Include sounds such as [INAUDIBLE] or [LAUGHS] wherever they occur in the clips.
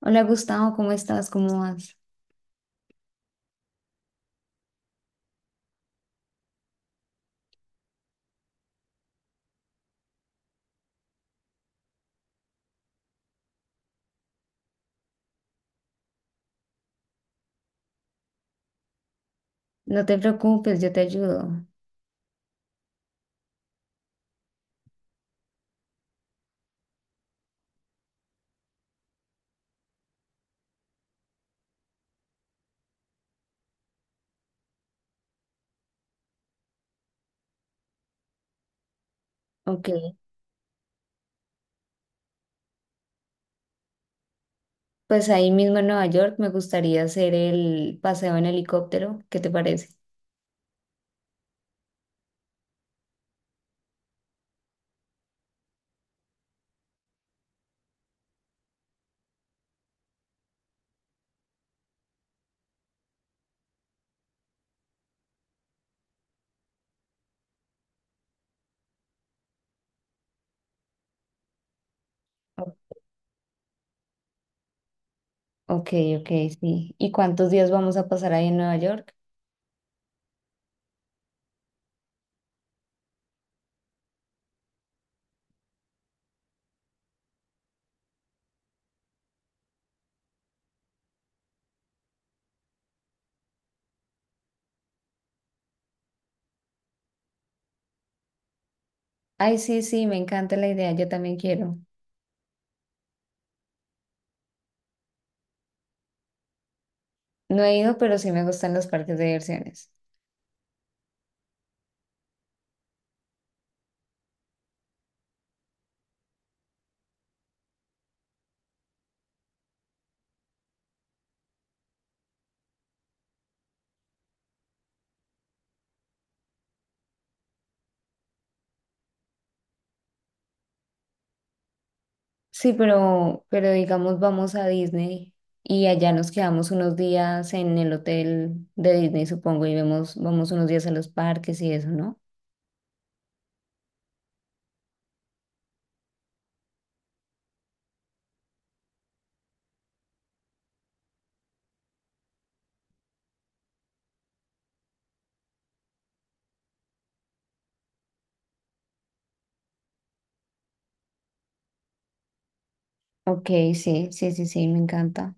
Hola Gustavo, ¿cómo estás? ¿Cómo vas? No te preocupes, yo te ayudo. Ok, pues ahí mismo en Nueva York me gustaría hacer el paseo en helicóptero, ¿qué te parece? O- Ok, ok, sí. ¿Y cuántos días vamos a pasar ahí en Nueva York? Ay, sí, sí, me encanta la idea, yo también quiero. No he ido, pero sí me gustan los parques de diversiones. Sí, pero digamos vamos a Disney y allá nos quedamos unos días en el hotel de Disney, supongo, y vemos, vamos unos días a los parques y eso, ¿no? Ok, sí, sí, sí, sí, me encanta.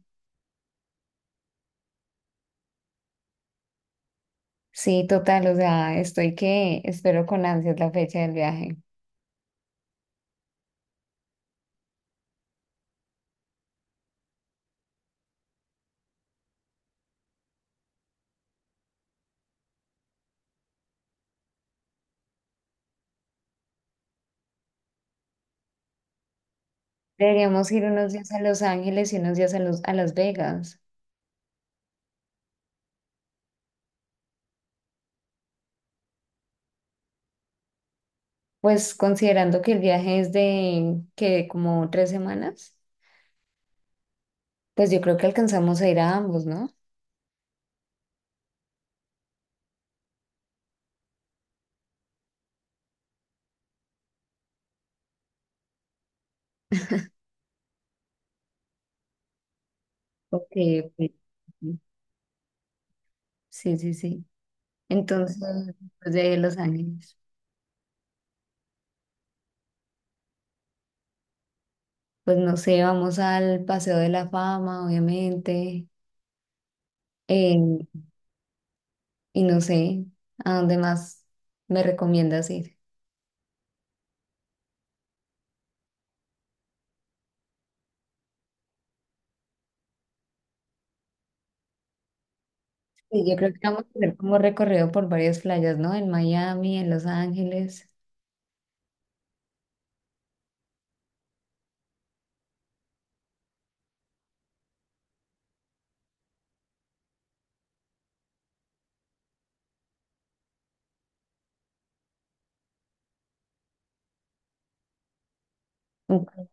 Sí, total, o sea, estoy que espero con ansias la fecha del viaje. Deberíamos ir unos días a Los Ángeles y unos días a, los, a Las Vegas. Pues considerando que el viaje es de que como tres semanas, pues yo creo que alcanzamos a ir a ambos, ¿no? Porque pues, sí, sí, sí. Entonces, pues de Los Ángeles. Pues no sé, vamos al Paseo de la Fama, obviamente. Y no sé a dónde más me recomiendas ir. Sí, yo creo que vamos a hacer como recorrido por varias playas, ¿no? En Miami, en Los Ángeles. Ok,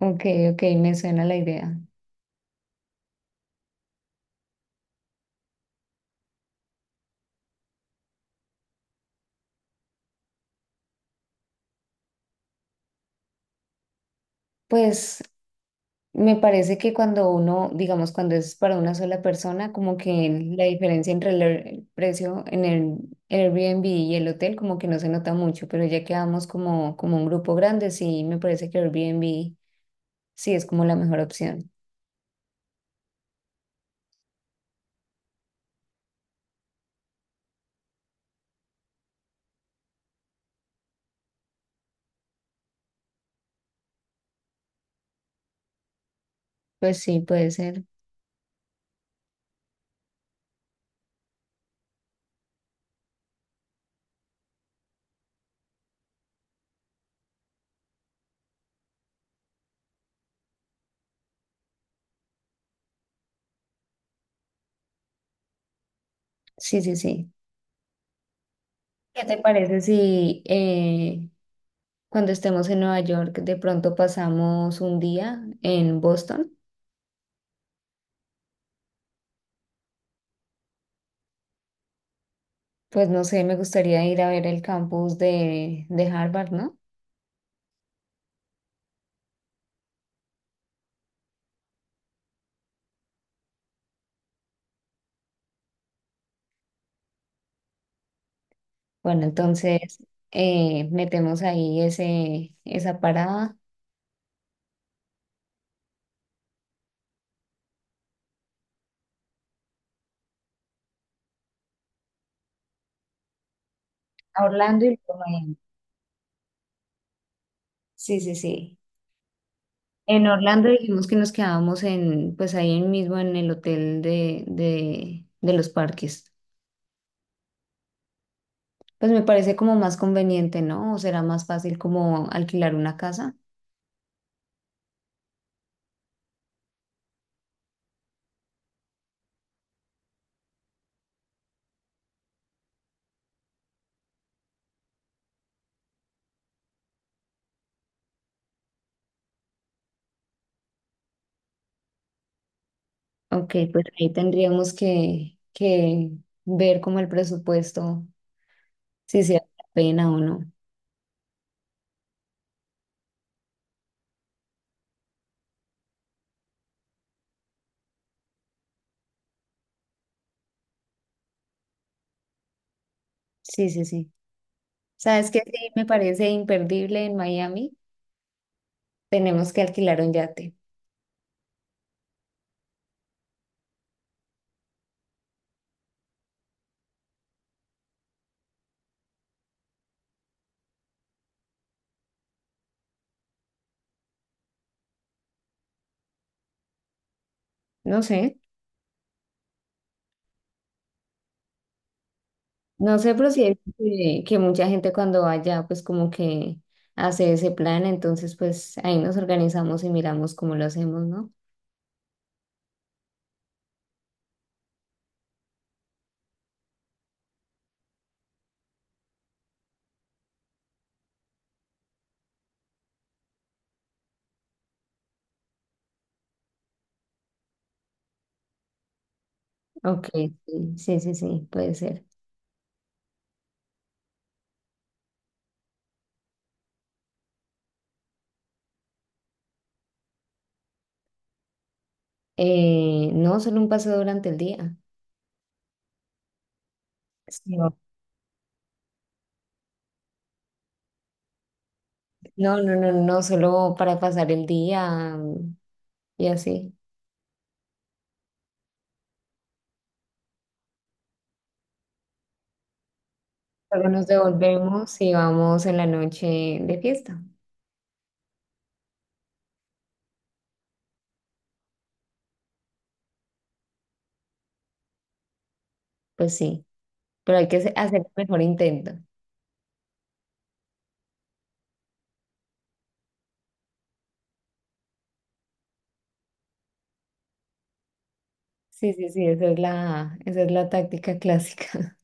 ok, ok, me suena la idea. Pues me parece que cuando uno, digamos, cuando es para una sola persona, como que la diferencia entre el precio en el Airbnb y el hotel como que no se nota mucho, pero ya que vamos como, como un grupo grande, sí, me parece que Airbnb sí es como la mejor opción. Pues sí, puede ser. Sí, sí, sí. ¿Qué te parece si cuando estemos en Nueva York de pronto pasamos un día en Boston? Pues no sé, me gustaría ir a ver el campus de Harvard, ¿no? Bueno, entonces metemos ahí esa parada a Orlando y luego Miami. Sí, sí, sí. En Orlando dijimos que nos quedábamos en, pues ahí mismo en el hotel de los parques. Pues me parece como más conveniente, ¿no? ¿O será más fácil como alquilar una casa? Ok, pues ahí tendríamos que ver como el presupuesto, si se vale la pena o no. Sí, sí, sí. ¿Sabes qué? Sí, me parece imperdible en Miami. Tenemos que alquilar un yate. No sé, no sé, pero sí es que mucha gente cuando vaya, pues como que hace ese plan, entonces pues ahí nos organizamos y miramos cómo lo hacemos, ¿no? Ok, sí, sí, sí, sí, puede ser. No, solo un paseo durante el día. Sí, no, no, no, no, solo para pasar el día, y así. Luego nos devolvemos y vamos en la noche de fiesta. Pues sí, pero hay que hacer el mejor intento. Sí, sí, sí, esa es la táctica clásica.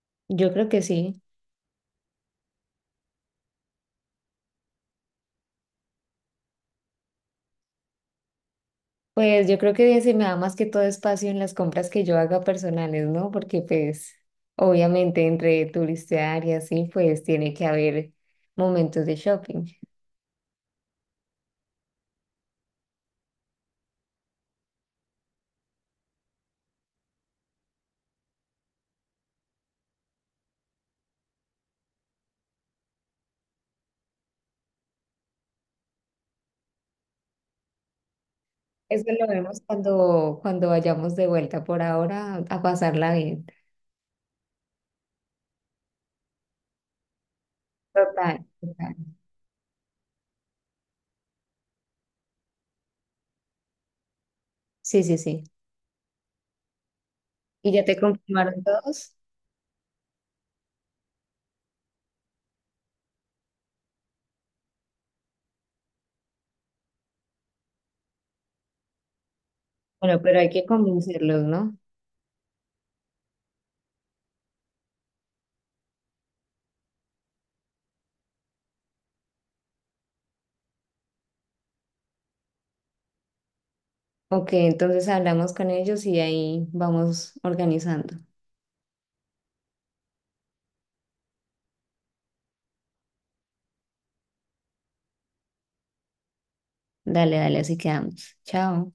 [LAUGHS] Yo creo que sí. Pues yo creo que se me da más que todo espacio en las compras que yo haga personales, ¿no? Porque pues obviamente entre turistear y así, pues tiene que haber momentos de shopping. Eso lo vemos cuando, cuando vayamos de vuelta. Por ahora, a pasarla bien. Total, total. Sí, sí, sí. ¿Y ya te confirmaron todos? Bueno, pero hay que convencerlos, ¿no? Ok, entonces hablamos con ellos y ahí vamos organizando. Dale, dale, así quedamos. Chao.